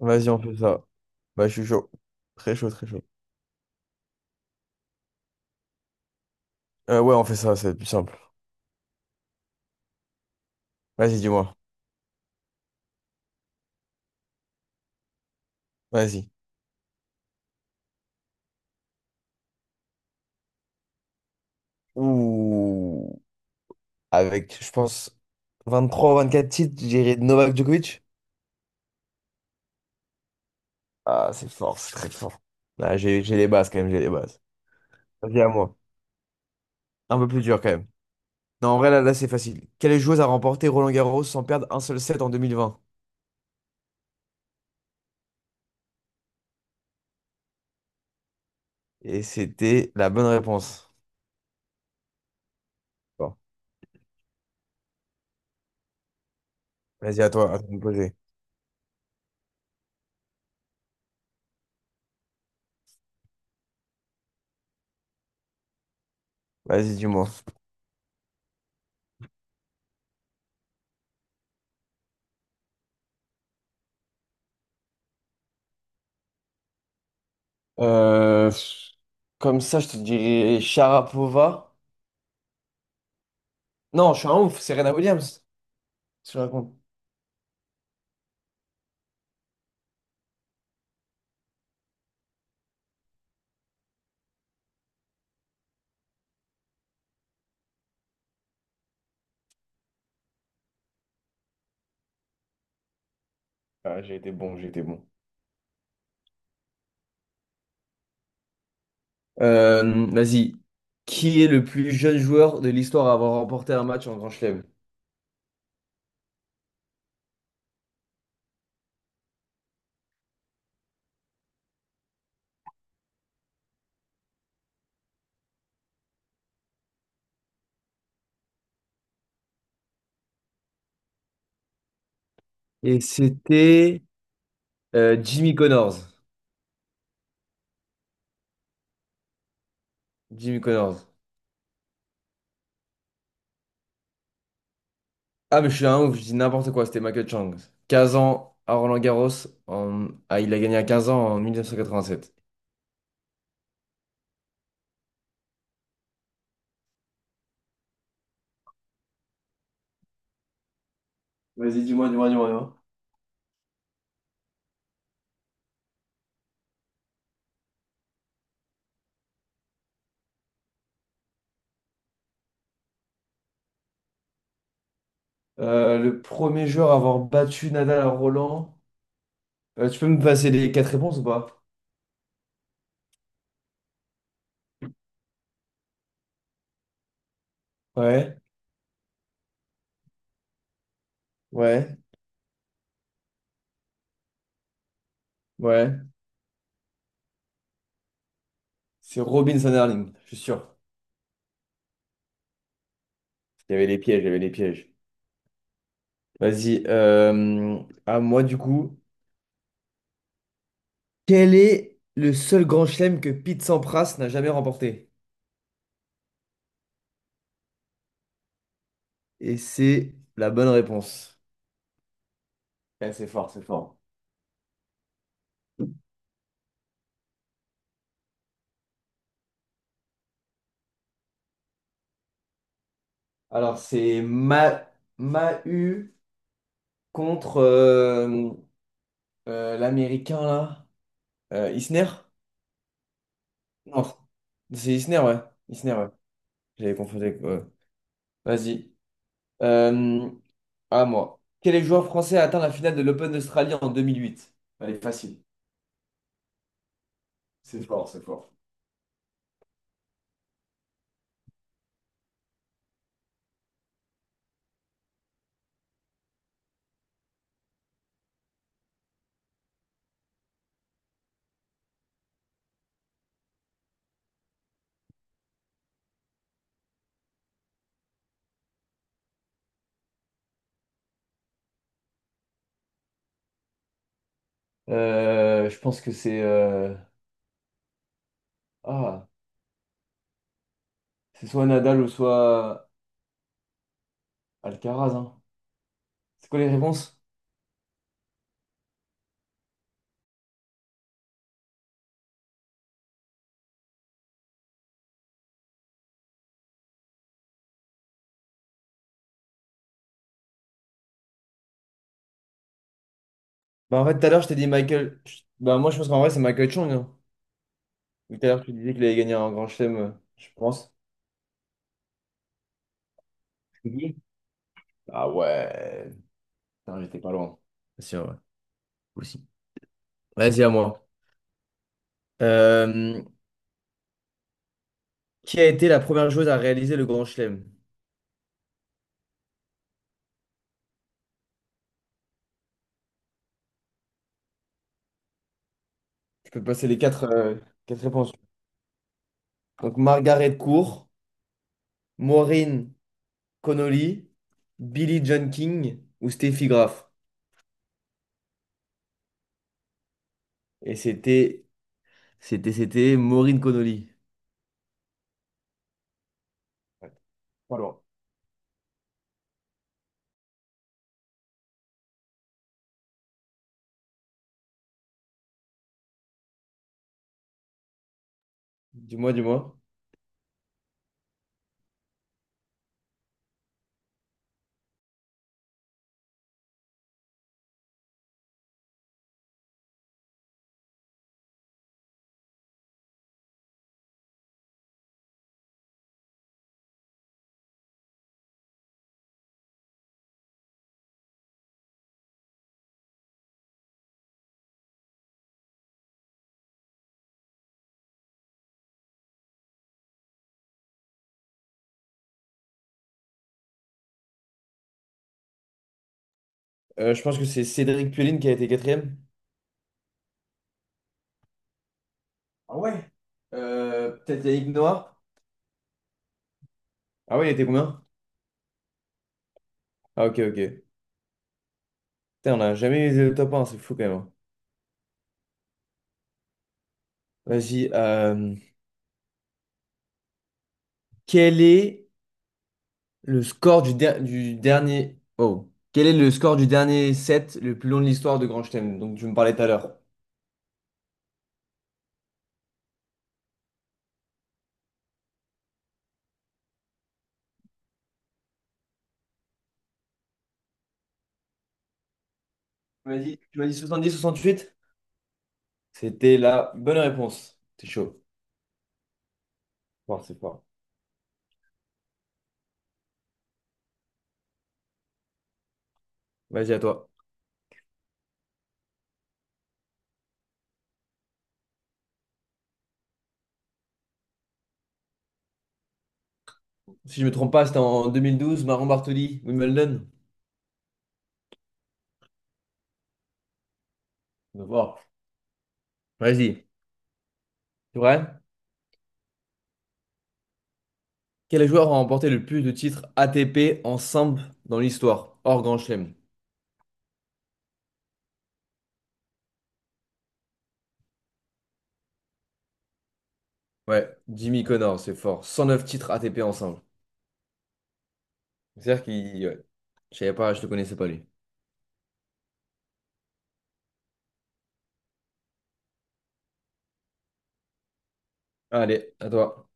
Vas-y, on fait ça. Bah, je suis chaud. Très chaud, très chaud. Ouais, on fait ça, c'est plus simple. Vas-y, dis-moi. Vas-y. Ouh. Avec, je pense, 23 24 titres, j'irai Novak Djokovic. Ah, c'est fort, c'est très fort. Là, j'ai les bases quand même, j'ai les bases. Vas-y, à moi. Un peu plus dur quand même. Non, en vrai, là c'est facile. Quelle joueuse a remporté Roland Garros sans perdre un seul set en 2020? Et c'était la bonne réponse. Bon. Vas-y, à toi de me poser. Vas-y, dis-moi. Euh, Comme ça, je te dirais Sharapova. Non, je suis un ouf, c'est Serena Williams. Qu'est-ce que je raconte? Ah, j'ai été bon, j'ai été bon. Vas-y. Qui est le plus jeune joueur de l'histoire à avoir remporté un match en Grand Chelem? Et c'était Jimmy Connors. Jimmy Connors. Ah, mais je suis un ouf, je dis n'importe quoi, c'était Michael Chang. 15 ans à Roland-Garros. Ah, il a gagné à 15 ans en 1987. Vas-y, dis-moi, dis-moi, dis-moi, dis-moi. Le premier joueur à avoir battu Nadal à Roland. Tu peux me passer les quatre réponses ou pas? Ouais, ouais, ouais. C'est Robin Sanderling, je suis sûr. Il y avait les pièges, il y avait les pièges. Vas-y, à moi du coup. Quel est le seul grand chelem que Pete Sampras n'a jamais remporté? Et c'est la bonne réponse. Ouais, c'est fort, c'est fort. Alors, c'est Ma Mahu contre l'Américain, là. Isner? Non, c'est Isner, ouais. Isner, ouais. J'avais confondu avec, ouais. Vas-y. Euh, à moi. Quel est le joueur français à atteindre la finale de l'Open d'Australie en 2008? Elle est facile. C'est fort, c'est fort. Je pense que ah, c'est soit Nadal ou soit Alcaraz, hein. C'est quoi les réponses? Bah en fait, tout à l'heure, je t'ai dit Michael. Bah moi, je pense qu'en vrai, c'est Michael Chang, hein. Vu que tout à l'heure, tu disais qu'il avait gagné un grand chelem, je pense. Oui. Ah ouais. Putain, j'étais pas loin. C'est sûr, ouais. Aussi. Vas-y, à moi. Euh, qui a été la première joueuse à réaliser le grand chelem? Je peux passer les quatre réponses. Donc, Margaret Court, Maureen Connolly, Billie John King ou Steffi Graf. Et c'était Maureen Connolly. Ouais, pas loin. Dis-moi, dis-moi. Je pense que c'est Cédric Pullin qui a été quatrième. Ah ouais? Peut-être Yannick Noah? Ah ouais, il était combien? Ah ok, ok. Putain, on n'a jamais eu le top un, c'est fou quand même, hein. Vas-y. Quel est le score du, du dernier. Oh. Quel est le score du dernier set le plus long de l'histoire de Grand Chelem? Donc tu me parlais tout à l'heure. Tu m'as dit 70-68? C'était la bonne réponse. C'est chaud. Fort, c'est fort. Vas-y, à toi. Si je me trompe pas, c'était en 2012, Maron Bartoli, Wimbledon. On va voir. Vas-y. C'est vrai? Quel joueur a remporté le plus de titres ATP ensemble dans l'histoire, hors Grand Chelem? Ouais, Jimmy Connor, c'est fort. 109 titres ATP ensemble. C'est-à-dire qu'il, ouais. Je savais pas, je le connaissais pas lui. Allez, à toi.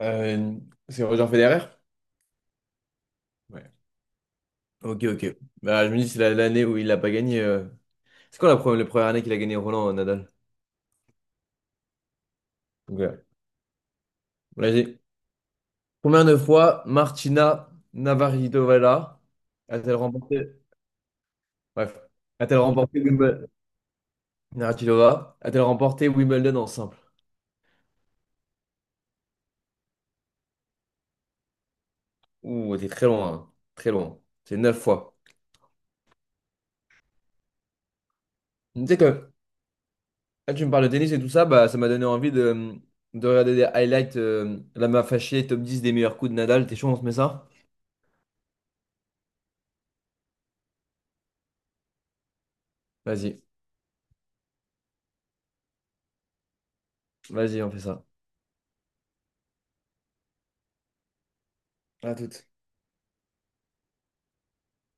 Euh, c'est Roger Federer? Ouais. Ok, ok. Bah, je me dis, c'est l'année où il a pas gagné. C'est quoi la première année qu'il a gagné Roland Nadal? Donc, là. Combien de fois Martina Navratilova a-t-elle remporté? Bref. A-t-elle remporté Wimbledon? Navratilova a-t-elle remporté Wimbledon en simple? Ouh, t'es très loin, hein. Très loin. C'est 9 fois. Tu sais que. Ah, tu me parles de tennis et tout ça, bah, ça m'a donné envie de, regarder des highlights. La m'a fâché, top 10 des meilleurs coups de Nadal. T'es chaud, on se met ça? Vas-y, vas-y, on fait ça. À toute.